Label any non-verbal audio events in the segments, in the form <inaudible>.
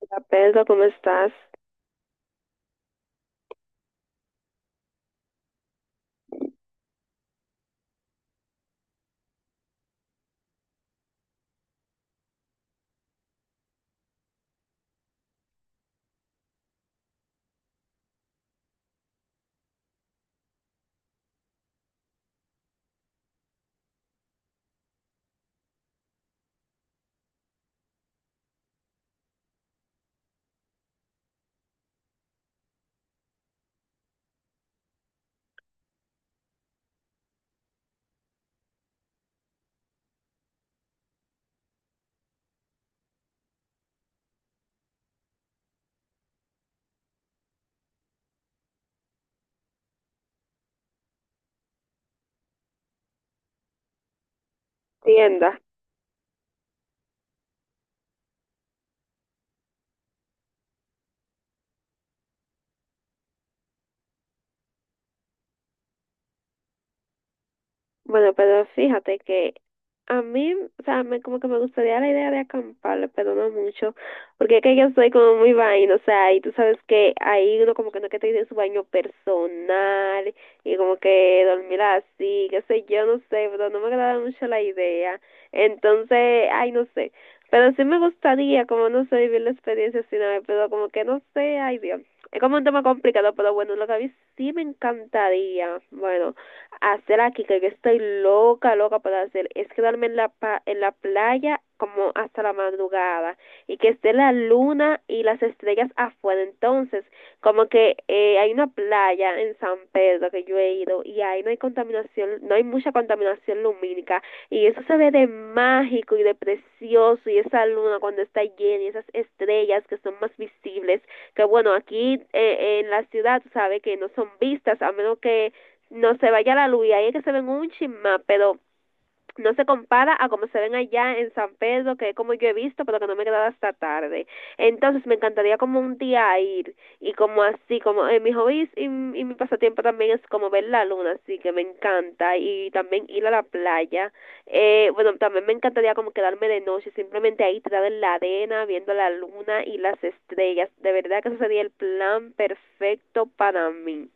Hola, Pedro, ¿cómo estás? Tienda. Bueno, pero fíjate que a mí, o sea, me, como que me gustaría la idea de acampar, pero no mucho, porque es que yo soy como muy vaina, o sea, y tú sabes que ahí uno como que no que tiene su baño personal y como que dormir así, qué sé yo, no sé, pero no me agrada mucho la idea. Entonces, ay, no sé, pero sí me gustaría, como no sé, vivir la experiencia así una vez, pero como que no sé, ay Dios. Es como un tema complicado, pero bueno, lo que a mí sí me encantaría, bueno hacer aquí, que estoy loca, loca por hacer, es quedarme en la, pa en la playa como hasta la madrugada y que esté la luna y las estrellas afuera. Entonces, como que hay una playa en San Pedro que yo he ido y ahí no hay contaminación, no hay mucha contaminación lumínica y eso se ve de mágico y de precioso y esa luna cuando está llena y esas estrellas que son más visibles, que bueno, aquí en la ciudad, sabe que no son vistas a menos que no se vaya la luz y ahí es que se ven un chisma, pero no se compara a como se ven allá en San Pedro, que es como yo he visto, pero que no me he quedado hasta tarde. Entonces me encantaría como un día ir y como así, como en mis hobbies y mi pasatiempo también es como ver la luna, así que me encanta y también ir a la playa. Bueno, también me encantaría como quedarme de noche, simplemente ahí tirada en la arena, viendo la luna y las estrellas. De verdad que ese sería el plan perfecto para mí.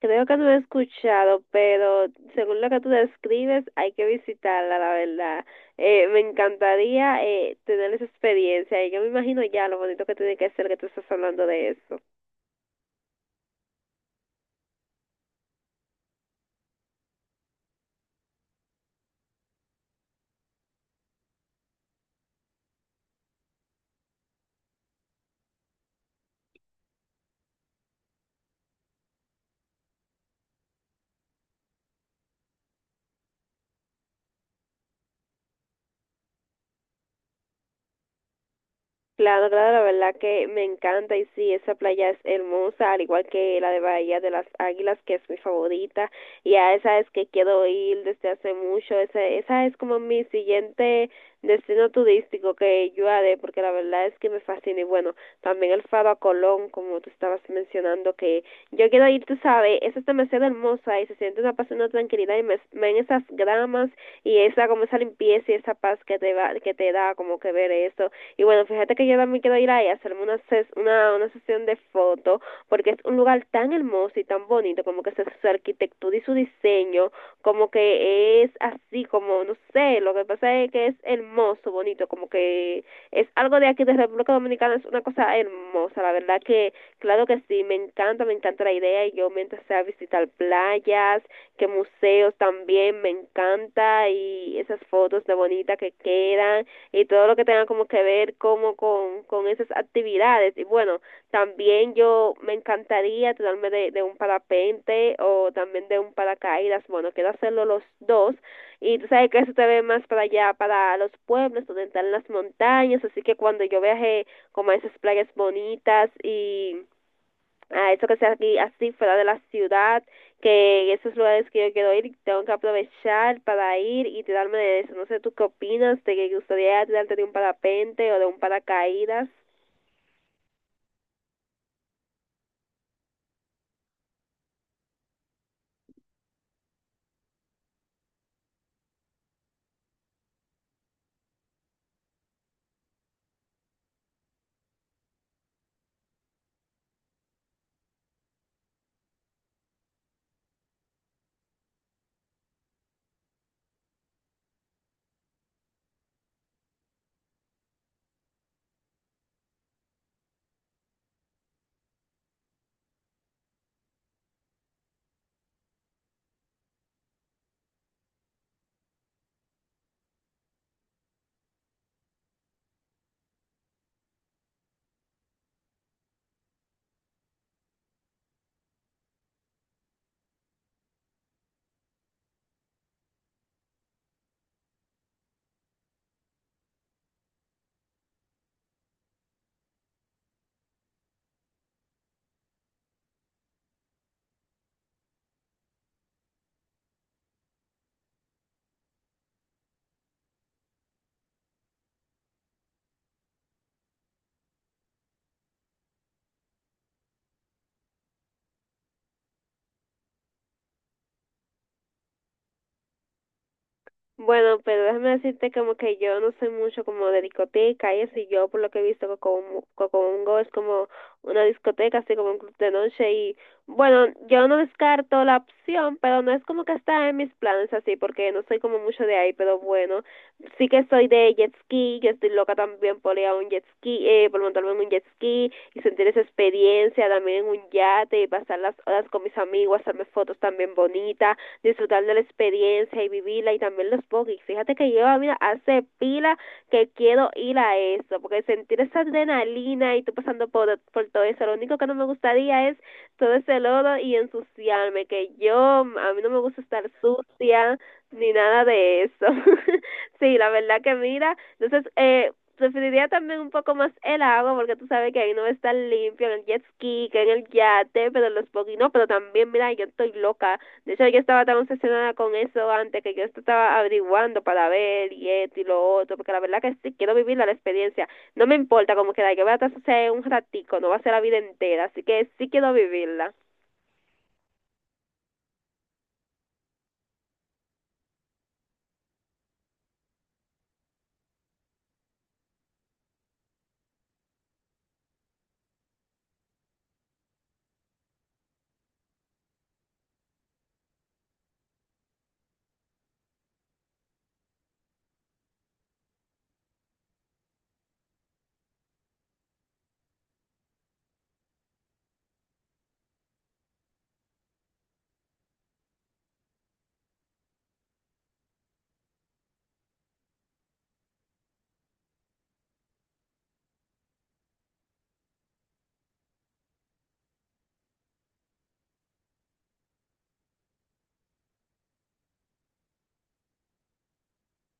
Creo que tú lo he escuchado, pero según lo que tú describes, hay que visitarla, la verdad. Me encantaría tener esa experiencia y yo me imagino ya lo bonito que tiene que ser que tú estás hablando de eso. Claro, claro, la verdad que me encanta y sí, esa playa es hermosa, al igual que la de Bahía de las Águilas, que es mi favorita, y a esa es que quiero ir desde hace mucho, esa es como mi siguiente destino turístico que yo haré, porque la verdad es que me fascina, y bueno, también el Faro a Colón, como tú estabas mencionando, que yo quiero ir, tú sabes, esa es demasiado hermosa y se siente una paz y una tranquilidad y me, ven esas gramas y esa, como esa limpieza y esa paz que te, va, que te da como que ver eso y bueno, fíjate que yo también quiero ir ahí a hacerme una, una sesión de fotos, porque es un lugar tan hermoso y tan bonito, como que su arquitectura y su diseño, como que es así, como, no sé, lo que pasa es que es hermoso, bonito, como que es algo de aquí de República Dominicana, es una cosa hermosa, la verdad que, claro que sí, me encanta la idea, y yo mientras sea visitar playas, que museos también me encanta y esas fotos de bonita que quedan y todo lo que tenga como que ver como con esas actividades. Y bueno, también yo me encantaría tirarme de un parapente o también de un paracaídas. Bueno, quiero hacerlo los dos. Y tú sabes que eso te ve más para allá, para los pueblos, donde están las montañas. Así que cuando yo viaje como a esas playas bonitas y a eso que sea aquí así fuera de la ciudad, que esos lugares que yo quiero ir tengo que aprovechar para ir y tirarme de eso. No sé, ¿tú qué opinas? ¿Te gustaría tirarte de un parapente o de un paracaídas? Bueno, pero déjame decirte como que yo no soy mucho como de discoteca y eso, y yo por lo que he visto Cocobongo es como una discoteca, así como un club de noche y bueno, yo no descarto la opción, pero no es como que está en mis planes así, porque no soy como mucho de ahí, pero bueno, sí que soy de jet ski, que estoy loca también por ir a un jet ski, por montarme en un jet ski y sentir esa experiencia, también en un yate y pasar las horas con mis amigos, hacerme fotos también bonitas disfrutar de la experiencia y vivirla y también los pokis. Fíjate que lleva mira, hace pila que quiero ir a eso, porque sentir esa adrenalina y tú pasando por todo eso, lo único que no me gustaría es todo ese lodo y ensuciarme, que yo, a mí no me gusta estar sucia ni nada de eso. <laughs> Sí, la verdad que mira, entonces, preferiría también un poco más el agua porque tú sabes que ahí no va a estar limpio en el jet ski, que en el yate, pero en los poquis no, pero también mira, yo estoy loca de hecho, yo estaba tan obsesionada con eso antes que yo estaba averiguando para ver y esto y lo otro, porque la verdad que sí, quiero vivir la experiencia. No me importa cómo queda, que voy a estar un ratico, no va a ser la vida entera, así que sí quiero vivirla.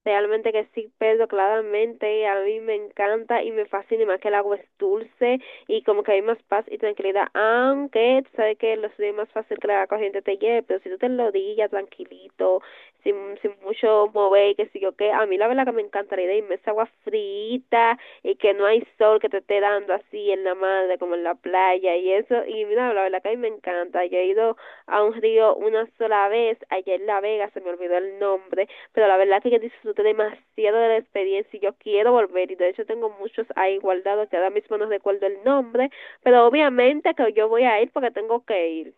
Realmente que sí, Pedro, claramente a mí me encanta y me fascina y más que el agua es dulce y como que hay más paz y tranquilidad, aunque tú sabes que lo es más fácil que la corriente te lleve, pero si tú te lo digas tranquilito, sin, sin mucho mover y que si yo qué, a mí la verdad que me encanta la idea y me esa agua frita y que no hay sol que te esté dando así en la madre como en la playa y eso, y mira, la verdad que a mí me encanta, yo he ido a un río una sola vez, allá en La Vega, se me olvidó el nombre pero la verdad es que yo disfruté demasiado de la experiencia y yo quiero volver y de hecho tengo muchos ahí guardados que ahora mismo no recuerdo el nombre, pero obviamente que yo voy a ir porque tengo que ir.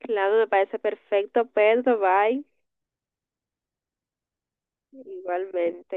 Claro, me parece perfecto, Pedro, bye. Igualmente.